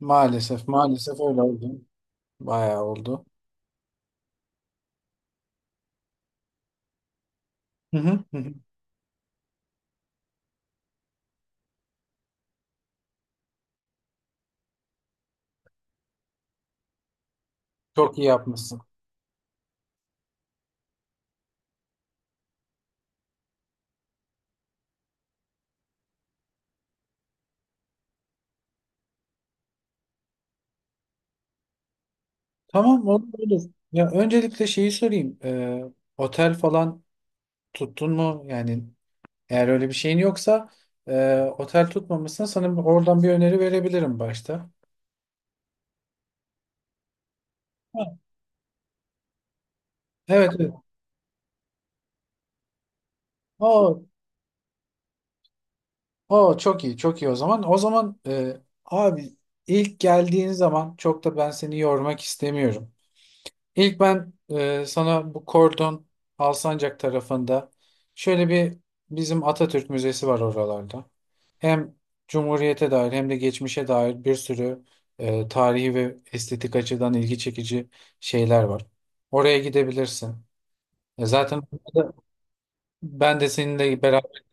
Maalesef, maalesef öyle oldu. Bayağı oldu. Hı hı, hı hı. Çok iyi yapmışsın. Tamam, olur olur. Ya öncelikle şeyi sorayım. Otel falan tuttun mu? Yani eğer öyle bir şeyin yoksa otel tutmamışsın. Sana oradan bir öneri verebilirim başta. Ha, evet, evet. O, O çok iyi, çok iyi o zaman. O zaman abi ilk geldiğin zaman çok da ben seni yormak istemiyorum. İlk ben, sana bu Kordon Alsancak tarafında şöyle bir bizim Atatürk Müzesi var oralarda. Hem Cumhuriyete dair hem de geçmişe dair bir sürü tarihi ve estetik açıdan ilgi çekici şeyler var. Oraya gidebilirsin. E, zaten orada ben de seninle beraber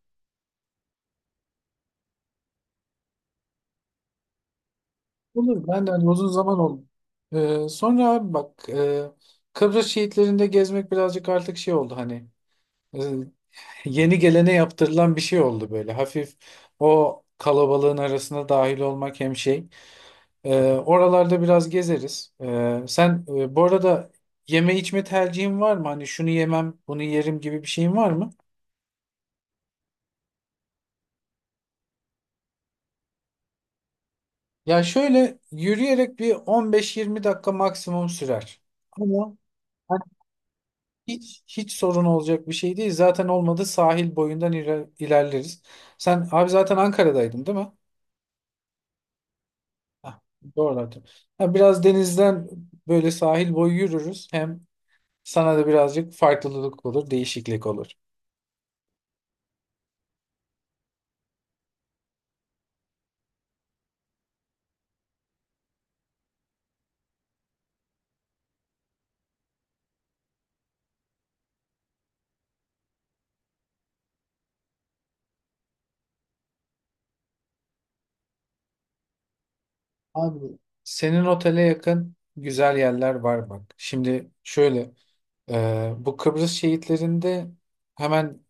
olur. Ben de hani uzun zaman oldu. E, sonra abi bak, Kıbrıs şehitlerinde gezmek birazcık artık şey oldu hani. E, yeni gelene yaptırılan bir şey oldu böyle. Hafif o kalabalığın arasına dahil olmak hem şey. Oralarda biraz gezeriz. Sen, bu arada yeme içme tercihin var mı? Hani şunu yemem, bunu yerim gibi bir şeyin var mı? Ya şöyle yürüyerek bir 15-20 dakika maksimum sürer. Ama hani hiç sorun olacak bir şey değil. Zaten olmadı sahil boyundan ilerleriz. Sen abi zaten Ankara'daydın değil mi? Ah, doğru hatırlıyorum. Ha, biraz denizden böyle sahil boyu yürürüz. Hem sana da birazcık farklılık olur, değişiklik olur. Abi senin otele yakın güzel yerler var bak. Şimdi şöyle, bu Kıbrıs şehitlerinde hemen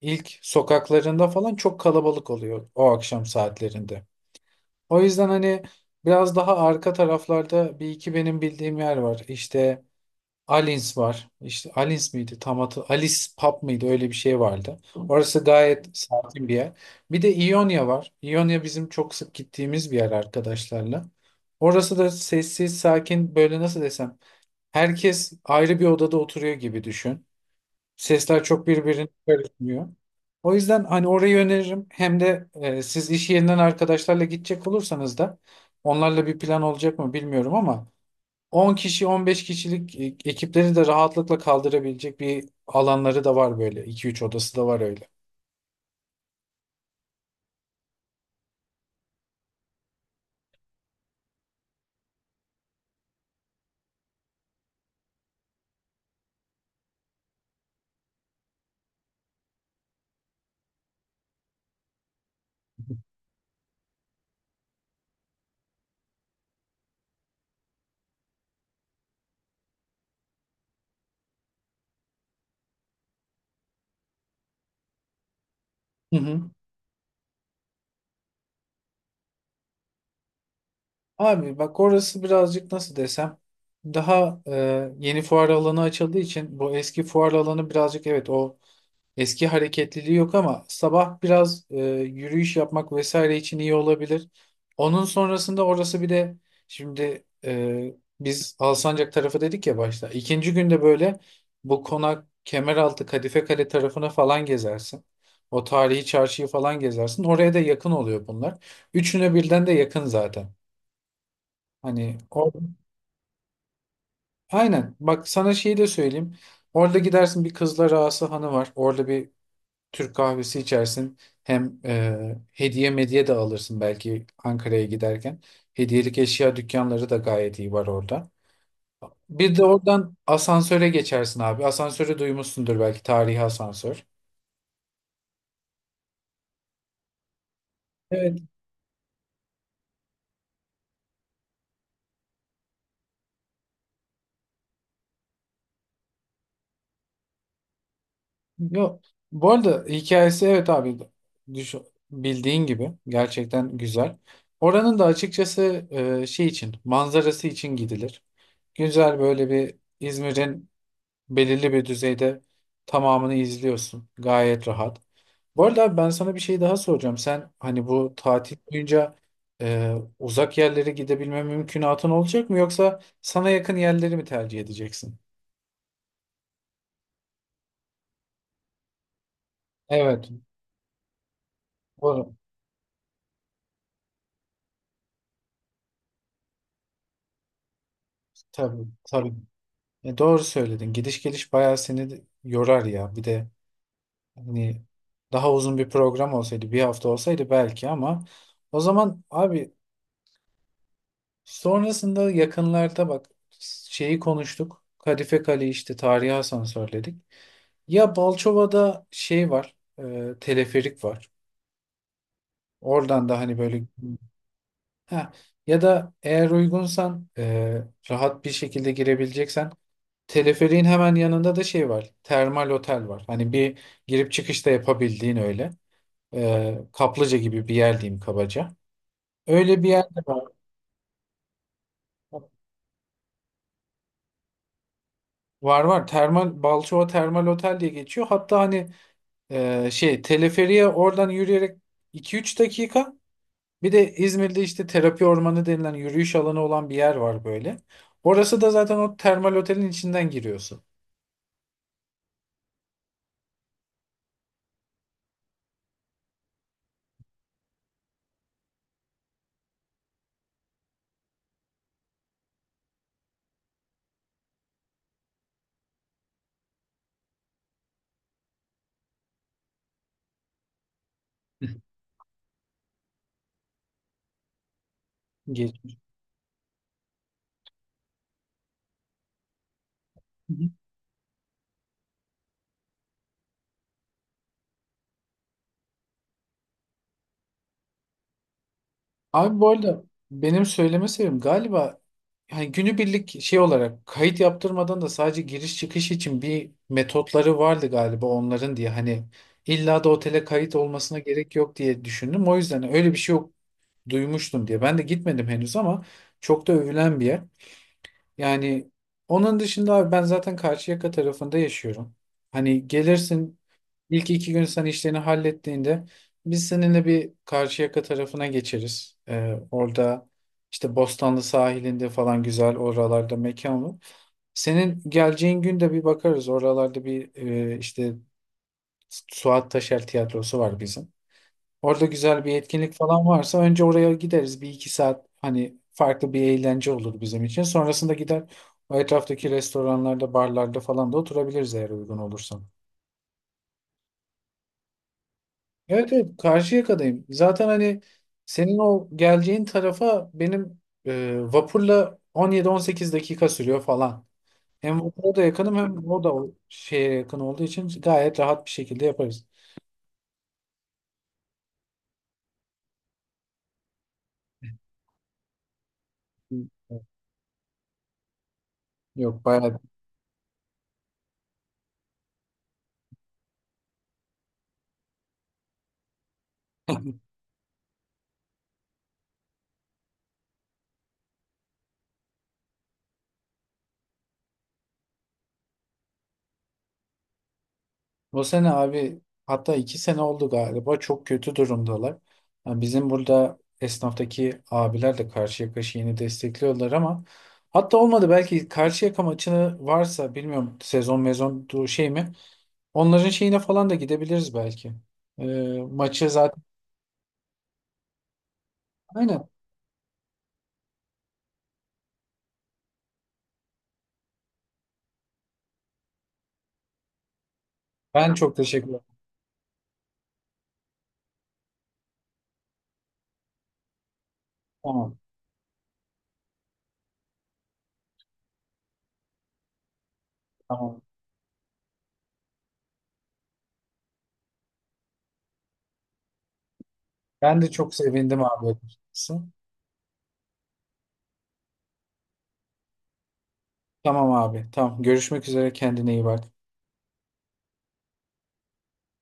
ilk sokaklarında falan çok kalabalık oluyor o akşam saatlerinde. O yüzden hani biraz daha arka taraflarda bir iki benim bildiğim yer var. İşte Alins var. İşte Alins miydi? Tam hatı Alice Pub mıydı? Öyle bir şey vardı. Orası gayet sakin bir yer. Bir de İonya var. İonya bizim çok sık gittiğimiz bir yer arkadaşlarla. Orası da sessiz, sakin, böyle nasıl desem. Herkes ayrı bir odada oturuyor gibi düşün. Sesler çok birbirine karışmıyor. O yüzden hani orayı öneririm. Hem de siz iş yerinden arkadaşlarla gidecek olursanız da onlarla bir plan olacak mı bilmiyorum ama 10 kişi 15 kişilik ekipleri de rahatlıkla kaldırabilecek bir alanları da var böyle. 2-3 odası da var öyle. Hı hı. Abi bak orası birazcık nasıl desem daha, yeni fuar alanı açıldığı için bu eski fuar alanı birazcık, evet, o eski hareketliliği yok, ama sabah biraz yürüyüş yapmak vesaire için iyi olabilir. Onun sonrasında orası bir de şimdi, biz Alsancak tarafı dedik ya başta. İkinci günde böyle bu konak Kemeraltı Kadife Kale tarafına falan gezersin. O tarihi çarşıyı falan gezersin. Oraya da yakın oluyor bunlar. Üçüne birden de yakın zaten. Hani or Aynen, bak sana şeyi de söyleyeyim. Orada gidersin bir Kızlar Ağası Hanı var. Orada bir Türk kahvesi içersin. Hem hediye medya de alırsın belki Ankara'ya giderken. Hediyelik eşya dükkanları da gayet iyi var orada. Bir de oradan asansöre geçersin abi. Asansörü duymuşsundur belki, tarihi asansör. Evet. Yok. Bu arada hikayesi, evet abi, düş bildiğin gibi gerçekten güzel. Oranın da açıkçası şey için, manzarası için gidilir. Güzel böyle bir İzmir'in belirli bir düzeyde tamamını izliyorsun. Gayet rahat. Bu arada abi ben sana bir şey daha soracağım. Sen hani bu tatil boyunca uzak yerlere gidebilme mümkünatın olacak mı, yoksa sana yakın yerleri mi tercih edeceksin? Evet. Doğru. Tabii, tabii. E, doğru söyledin. Gidiş geliş bayağı seni de yorar ya. Bir de hani daha uzun bir program olsaydı, bir hafta olsaydı belki, ama o zaman abi sonrasında yakınlarda bak şeyi konuştuk. Kadife Kale işte tarihi asansörledik. Ya Balçova'da şey var, teleferik var. Oradan da hani böyle, ha, ya da eğer uygunsan, rahat bir şekilde girebileceksen, teleferiğin hemen yanında da şey var. Termal otel var. Hani bir girip çıkış da yapabildiğin öyle. E, kaplıca gibi bir yer diyeyim kabaca. Öyle bir yer de var. Var, var. Termal Balçova Termal Otel diye geçiyor. Hatta hani, şey, teleferiye oradan yürüyerek iki üç dakika. Bir de İzmir'de işte terapi ormanı denilen yürüyüş alanı olan bir yer var böyle. Orası da zaten o termal otelin içinden giriyorsun. Geç. Hı hı. Abi bu arada benim söyleme sebebim galiba hani günübirlik şey olarak kayıt yaptırmadan da sadece giriş çıkış için bir metotları vardı galiba onların, diye hani illa da otele kayıt olmasına gerek yok diye düşündüm. O yüzden öyle bir şey duymuştum diye. Ben de gitmedim henüz ama çok da övülen bir yer. Yani onun dışında abi ben zaten Karşıyaka tarafında yaşıyorum. Hani gelirsin, ilk iki gün sen işlerini hallettiğinde biz seninle bir Karşıyaka tarafına geçeriz. Orada işte Bostanlı sahilinde falan güzel, oralarda mekan var. Senin geleceğin gün de bir bakarız. Oralarda bir, işte Suat Taşer tiyatrosu var bizim. Orada güzel bir etkinlik falan varsa önce oraya gideriz. Bir iki saat hani farklı bir eğlence olur bizim için. Sonrasında gider o etraftaki restoranlarda, barlarda falan da oturabiliriz eğer uygun olursa. Evet, evet, Karşıyaka'dayım. Zaten hani senin o geleceğin tarafa benim vapurla 17-18 dakika sürüyor falan. Hem vapura da yakınım, hem o da o şeye yakın olduğu için gayet rahat bir şekilde yaparız. Yok, bayağı. Bu sene abi, hatta iki sene oldu galiba, çok kötü durumdalar. Yani bizim burada esnaftaki abiler de Karşıyaka yeni destekliyorlar, ama hatta olmadı belki Karşıyaka maçını varsa, bilmiyorum sezon mezon şey mi, onların şeyine falan da gidebiliriz belki. Ee, Maçı zaten aynen. Ben çok teşekkür ederim. Tamam, tamam. Ben de çok sevindim abi. Tamam abi, tamam, görüşmek üzere, kendine iyi bak.